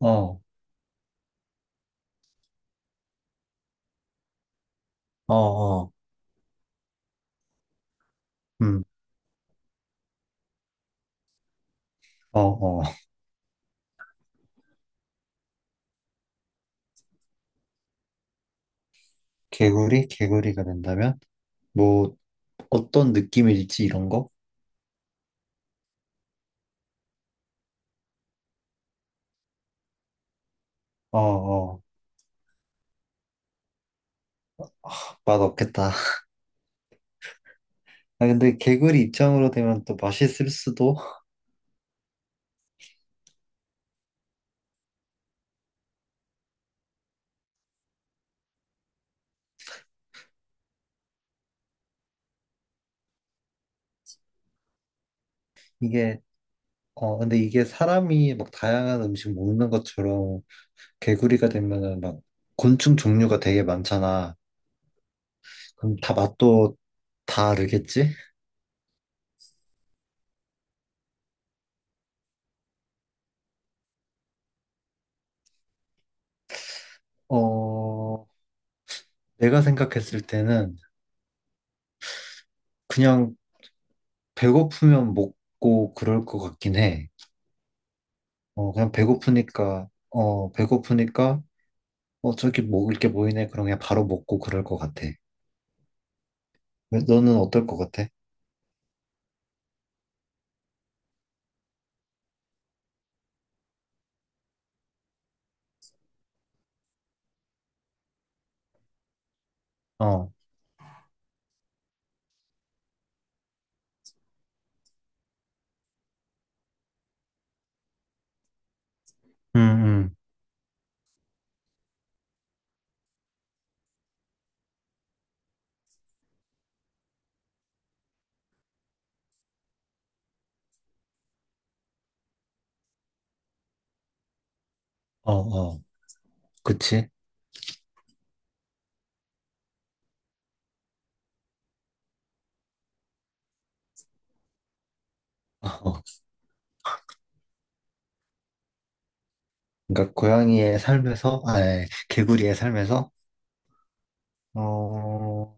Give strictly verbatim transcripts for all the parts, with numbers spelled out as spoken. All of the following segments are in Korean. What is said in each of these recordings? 어, 어, 어. 음, 어, 어. 개구리? 개구리가 된다면? 뭐, 어떤 느낌일지 이런 거? 어, 어. 맛없겠다. 아, 근데 개구리 입장으로 되면 또 맛있을 수도? 이게, 어, 근데 이게 사람이 막 다양한 음식 먹는 것처럼 개구리가 되면은 막 곤충 종류가 되게 많잖아. 그럼 다 맛도 다르겠지? 어, 내가 생각했을 때는 그냥 배고프면 먹고 그럴 것 같긴 해. 어, 그냥 배고프니까, 어, 배고프니까, 어, 저기 먹을 게 보이네. 그럼 그냥 바로 먹고 그럴 것 같아. 왜- 너는 어떨 것 같아? 어, 응응 어, 어, 그치? 어, 어. 그러니까 고양이의 삶에서, 아, 아니, 개구리의 삶에서, 어,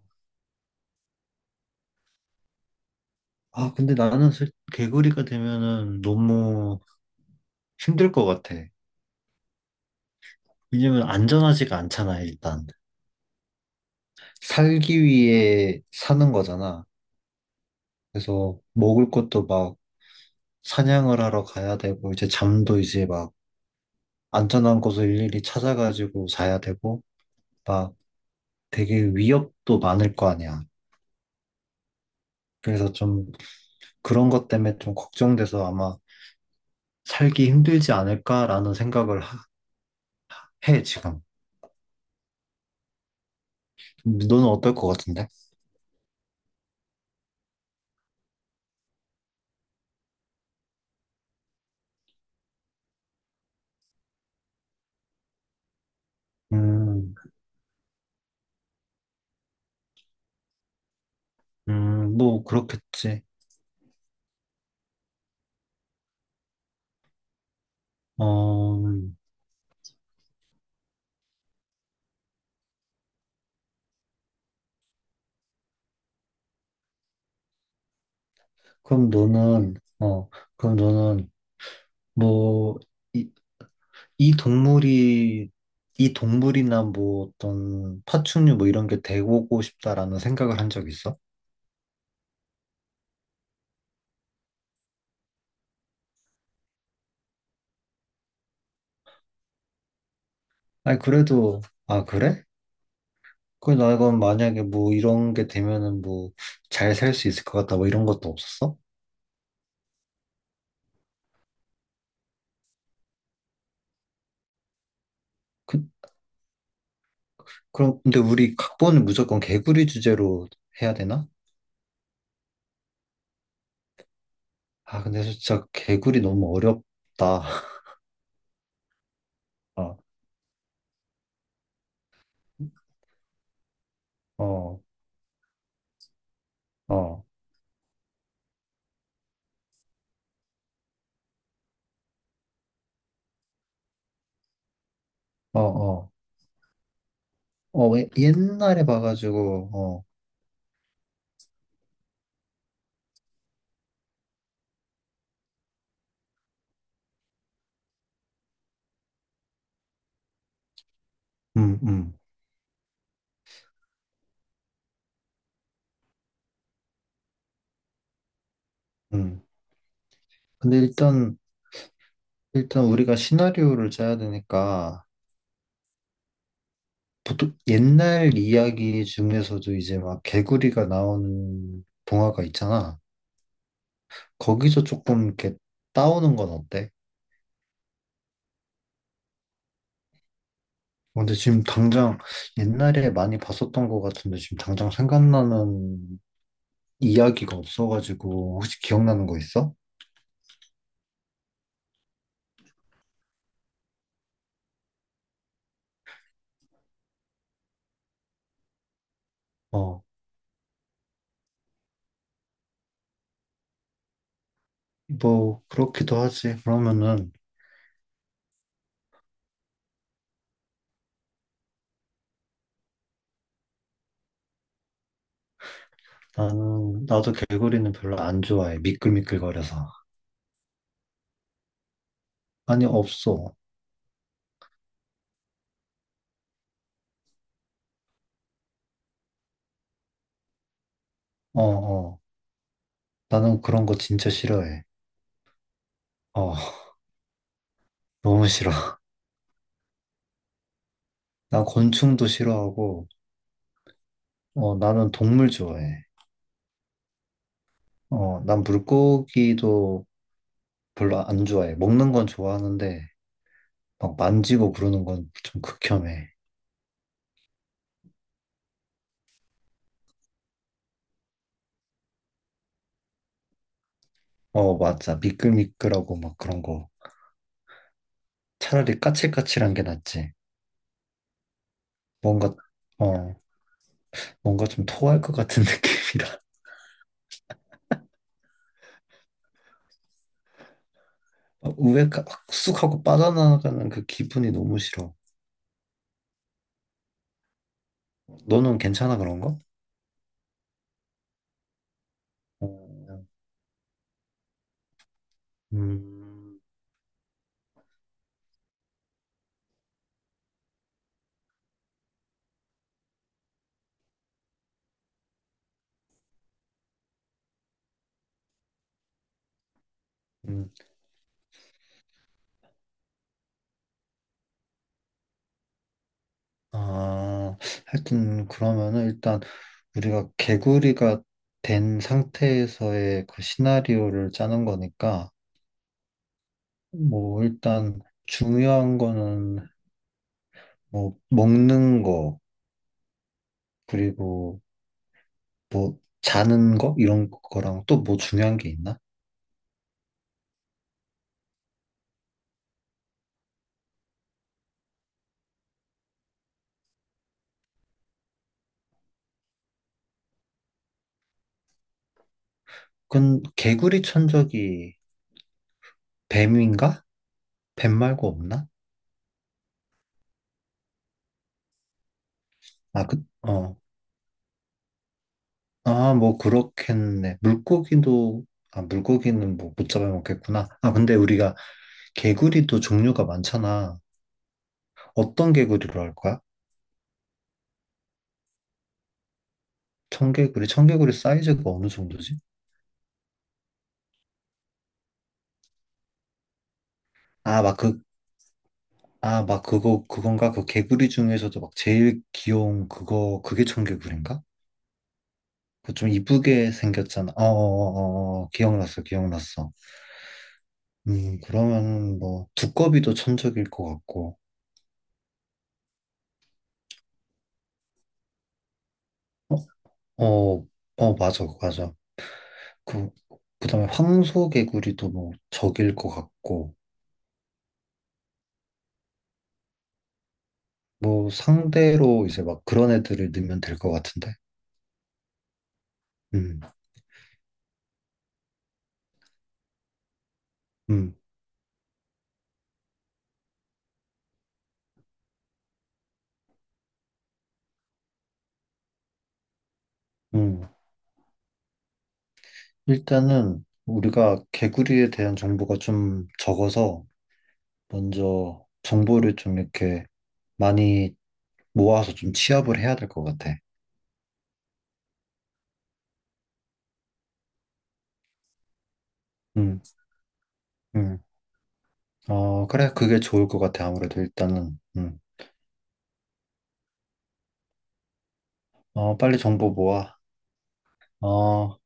아, 근데 나는 실- 개구리가 되면은 너무 힘들 것 같아. 왜냐면 안전하지가 않잖아, 일단. 살기 위해 사는 거잖아. 그래서 먹을 것도 막 사냥을 하러 가야 되고, 이제 잠도 이제 막 안전한 곳을 일일이 찾아가지고 자야 되고, 막 되게 위협도 많을 거 아니야. 그래서 좀 그런 것 때문에 좀 걱정돼서 아마 살기 힘들지 않을까라는 생각을 하- 해, 지금. 너는 어떨 것 같은데? 음, 음, 뭐, 그렇겠지. 어, 그럼 너는, 어, 그럼 너는, 뭐, 이 동물이 이 동물이나 뭐 어떤 파충류 뭐 이런 게 되고 싶다라는 생각을 한 적 있어? 아니 그래도 아 그래? 그래 나 이건 만약에 뭐 이런 게 되면은 뭐 잘 살 수 있을 것 같다 뭐 이런 것도 없었어? 그, 그럼 근데 우리 각본을 무조건 개구리 주제로 해야 되나? 아 근데 진짜 개구리 너무 어렵다. 어, 어, 어, 어, 어, 어, 왜- 옛날에 봐가지고, 어, 음, 음, 음. 근데 일단 일단 우리가 시나리오를 짜야 되니까 보통 옛날 이야기 중에서도 이제 막 개구리가 나오는 동화가 있잖아. 거기서 조금 이렇게 따오는 건 어때? 근데 지금 당장 옛날에 많이 봤었던 것 같은데 지금 당장 생각나는 이야기가 없어가지고 혹시 기억나는 거 있어? 어, 뭐 그렇기도 하지. 그러면은 나는 나도 개구리는 별로 안 좋아해. 미끌미끌거려서. 아니 없어. 어, 어. 나는 그런 거 진짜 싫어해. 어, 너무 싫어. 난 곤충도 싫어하고, 어, 나는 동물 좋아해. 어, 난 물고기도 별로 안 좋아해. 먹는 건 좋아하는데, 막 만지고 그러는 건 좀 극혐해. 어, 맞아. 미끌미끌하고 막 그런 거. 차라리 까칠까칠한 게 낫지. 뭔가, 어, 뭔가 좀 토할 것 같은 느낌이라. 우에 확쑥 하고 빠져나가는 그 기분이 너무 싫어. 너는 괜찮아, 그런 거? 어, 음, 음. 아, 하여튼 그러면은 일단 우리가 개구리가 된 상태에서의 그 시나리오를 짜는 거니까 뭐 일단 중요한 거는 뭐 먹는 거 그리고 자는 거 이런 거랑 또 뭐 중요한 게 있나? 그건 개구리 천적이 뱀인가? 뱀 말고 없나? 아, 그, 어. 아, 뭐 그렇겠네. 물고기도 아, 물고기는 뭐 못 잡아먹겠구나. 아, 근데 우리가 개구리도 종류가 많잖아. 어떤 개구리로 할 거야? 청개구리, 청개구리 사이즈가 어느 정도지? 아, 막 그, 아, 막 그거, 그건가? 그 개구리 중에서도 막 제일 귀여운 그거, 그게 청개구리인가? 그 좀 이쁘게 생겼잖아. 어어어어, 기억났어, 기억났어. 음, 그러면 뭐, 두꺼비도 천적일 것 같고. 어, 어, 맞아, 맞아. 그, 그다음에 황소개구리도 뭐 적일 것 같고. 뭐 상대로 이제 막 그런 애들을 넣으면 될 것 같은데? 음, 음, 음. 일단은 우리가 개구리에 대한 정보가 좀 적어서 먼저 정보를 좀 이렇게 많이 모아서 좀 취합을 해야 될 것 같아. 음, 음. 어, 그래. 그게 좋을 것 같아. 아무래도 일단은. 음. 어, 빨리 정보 모아. 어.